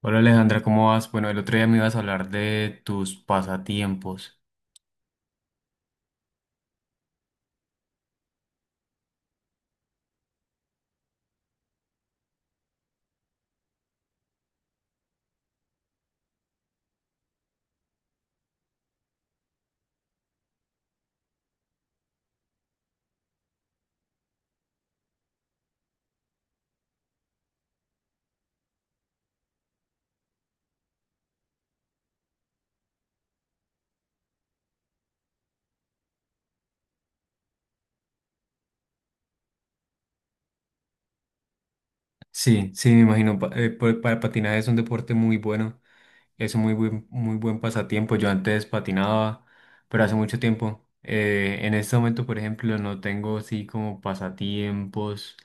Hola Alejandra, ¿cómo vas? Bueno, el otro día me ibas a hablar de tus pasatiempos. Sí, sí, me imagino. Patinar es un deporte muy bueno, es un muy buen pasatiempo. Yo antes patinaba, pero hace mucho tiempo. En este momento, por ejemplo, no tengo así como pasatiempos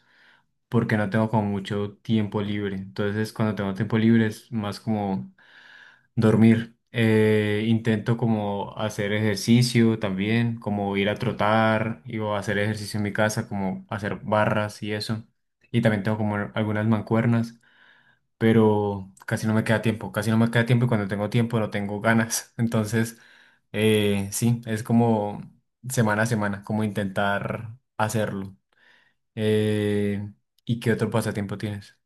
porque no tengo como mucho tiempo libre. Entonces, cuando tengo tiempo libre es más como dormir. Intento como hacer ejercicio también, como ir a trotar y, o hacer ejercicio en mi casa, como hacer barras y eso. Y también tengo como algunas mancuernas, pero casi no me queda tiempo y cuando tengo tiempo no tengo ganas. Entonces, sí, es como semana a semana, como intentar hacerlo. Eh, ¿Y qué otro pasatiempo tienes?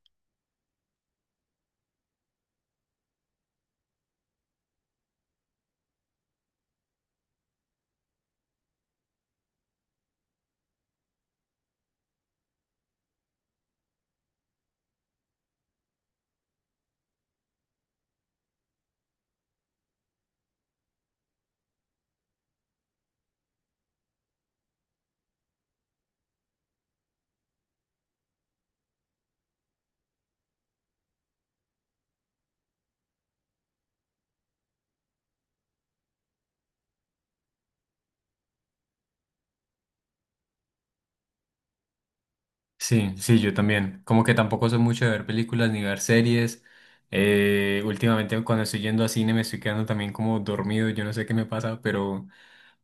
Sí, sí, yo también. Como que tampoco soy mucho de ver películas ni ver series. Últimamente cuando estoy yendo a cine me estoy quedando también como dormido, yo no sé qué me pasa, pero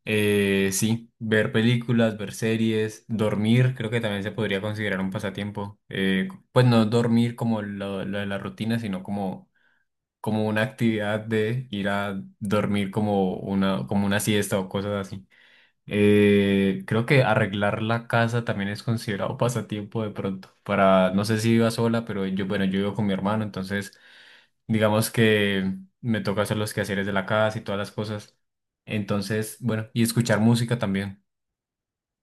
sí, ver películas, ver series, dormir, creo que también se podría considerar un pasatiempo. Pues no dormir como lo de la rutina, sino como, como una actividad de ir a dormir como como una siesta o cosas así. Creo que arreglar la casa también es considerado pasatiempo de pronto. Para, no sé si viva sola, pero yo, bueno, yo vivo con mi hermano, entonces digamos que me toca hacer los quehaceres de la casa y todas las cosas. Entonces, bueno, y escuchar música también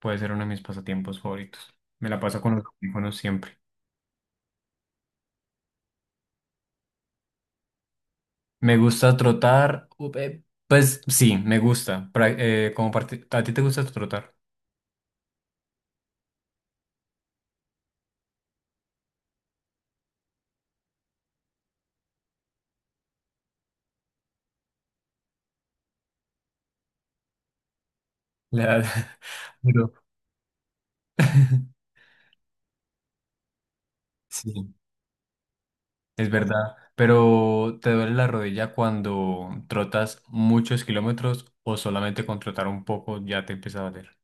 puede ser uno de mis pasatiempos favoritos. Me la paso con los audífonos siempre. Me gusta trotar, pues sí, me gusta. ¿A ti te gusta trotar? La- Pero- Sí. Es verdad, pero ¿te duele la rodilla cuando trotas muchos kilómetros o solamente con trotar un poco ya te empieza a doler?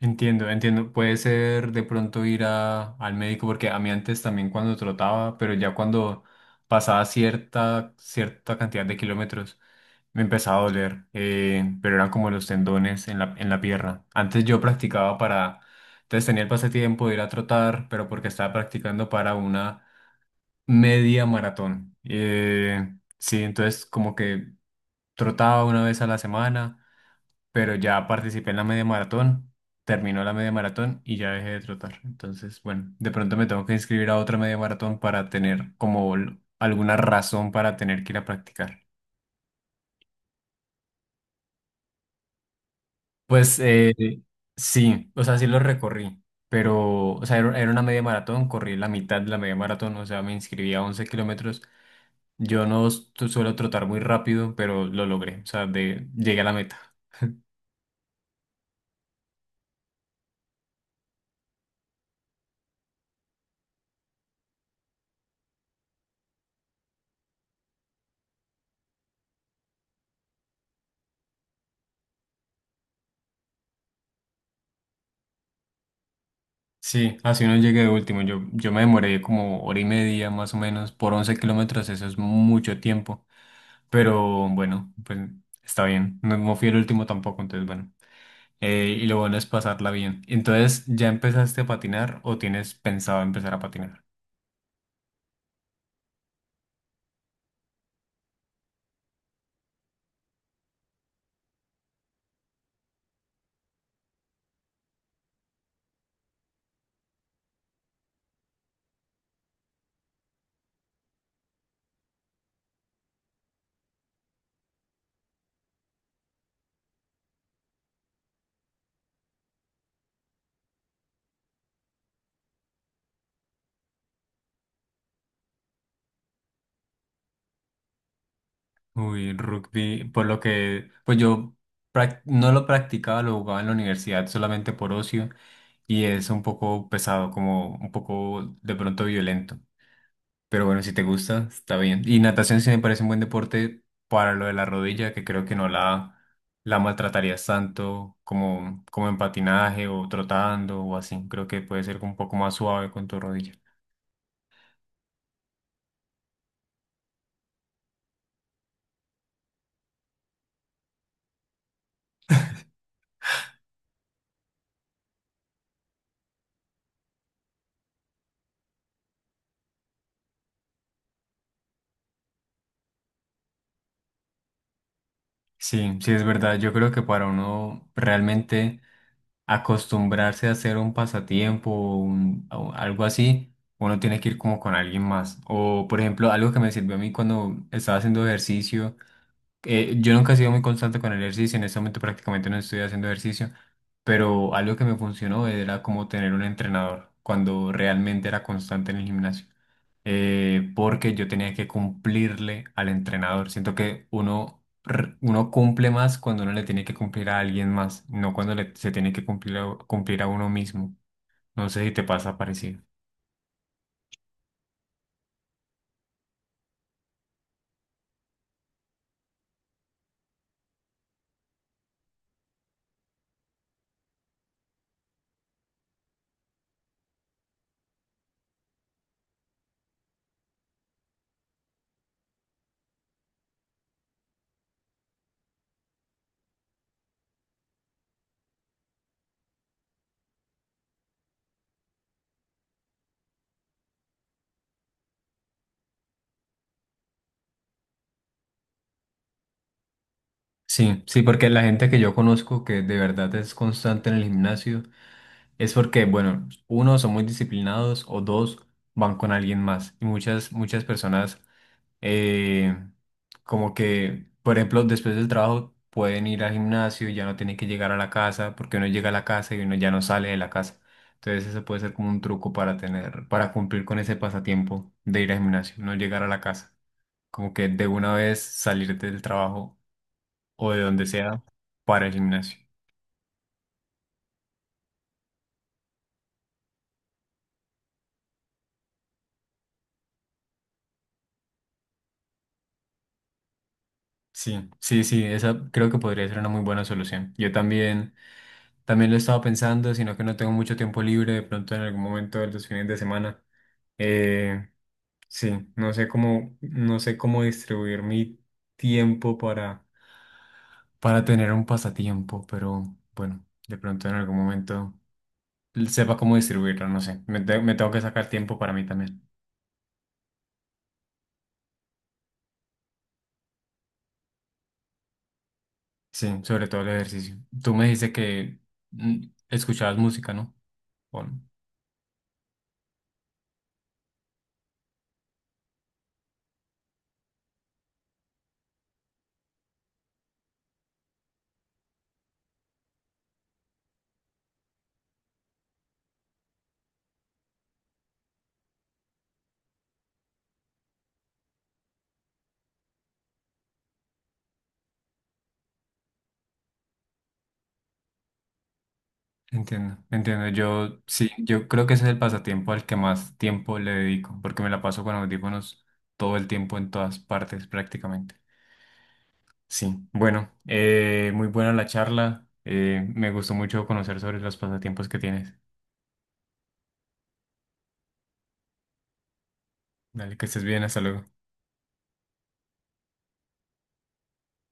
Entiendo, entiendo. Puede ser de pronto ir a, al médico porque a mí antes también cuando trotaba, pero ya cuando pasaba cierta cantidad de kilómetros me empezaba a doler, pero eran como los tendones en en la pierna. Antes yo practicaba para, entonces tenía el pasatiempo de ir a trotar, pero porque estaba practicando para una media maratón. Sí, entonces como que trotaba una vez a la semana, pero ya participé en la media maratón, terminó la media maratón y ya dejé de trotar. Entonces, bueno, de pronto me tengo que inscribir a otra media maratón para tener como alguna razón para tener que ir a practicar. Pues sí, o sea, sí lo recorrí. Pero, o sea, era una media maratón, corrí la mitad de la media maratón, o sea, me inscribí a 11 kilómetros. Yo no suelo trotar muy rápido, pero lo logré. O sea, de, llegué a la meta. Sí, así no llegué de último. Yo me demoré como hora y media más o menos por 11 kilómetros. Eso es mucho tiempo. Pero bueno, pues está bien. No fui el último tampoco, entonces bueno. Y lo bueno es pasarla bien. Entonces, ¿ya empezaste a patinar o tienes pensado empezar a patinar? Uy, rugby, por lo que, pues yo no lo practicaba, lo jugaba en la universidad solamente por ocio y es un poco pesado, como un poco de pronto violento. Pero bueno, si te gusta, está bien. Y natación sí me parece un buen deporte para lo de la rodilla, que creo que no la maltratarías tanto como en patinaje o trotando o así. Creo que puede ser un poco más suave con tu rodilla. Sí, sí es verdad. Yo creo que para uno realmente acostumbrarse a hacer un pasatiempo o algo así, uno tiene que ir como con alguien más. O, por ejemplo, algo que me sirvió a mí cuando estaba haciendo ejercicio yo nunca he sido muy constante con el ejercicio, en este momento prácticamente no estoy haciendo ejercicio, pero algo que me funcionó era como tener un entrenador cuando realmente era constante en el gimnasio, porque yo tenía que cumplirle al entrenador. Siento que uno cumple más cuando uno le tiene que cumplir a alguien más, no cuando se tiene que cumplir a, cumplir a uno mismo. No sé si te pasa parecido. Sí, sí, porque la gente que yo conozco que de verdad es constante en el gimnasio, es porque, bueno, uno, son muy disciplinados o dos, van con alguien más. Y muchas personas, eh, como que, por ejemplo, después del trabajo pueden ir al gimnasio, ya no tienen que llegar a la casa, porque uno llega a la casa y uno ya no sale de la casa. Entonces eso puede ser como un truco para tener, para cumplir con ese pasatiempo de ir al gimnasio, no llegar a la casa. Como que de una vez salir del trabajo o de donde sea para el gimnasio. Sí, sí, sí, esa creo que podría ser una muy buena solución. Yo también, también lo estaba pensando, sino que no tengo mucho tiempo libre de pronto en algún momento de los fines de semana. Eh, sí, no sé cómo, no sé cómo distribuir mi tiempo para tener un pasatiempo, pero bueno, de pronto en algún momento sepa cómo distribuirlo, no sé. Me tengo que sacar tiempo para mí también. Sí, sobre todo el ejercicio. Tú me dijiste que escuchabas música, ¿no? ¿O no? Entiendo, entiendo. Yo sí, yo creo que ese es el pasatiempo al que más tiempo le dedico, porque me la paso con audífonos todo el tiempo en todas partes prácticamente. Sí, bueno, muy buena la charla. Me gustó mucho conocer sobre los pasatiempos que tienes. Dale, que estés bien, hasta luego.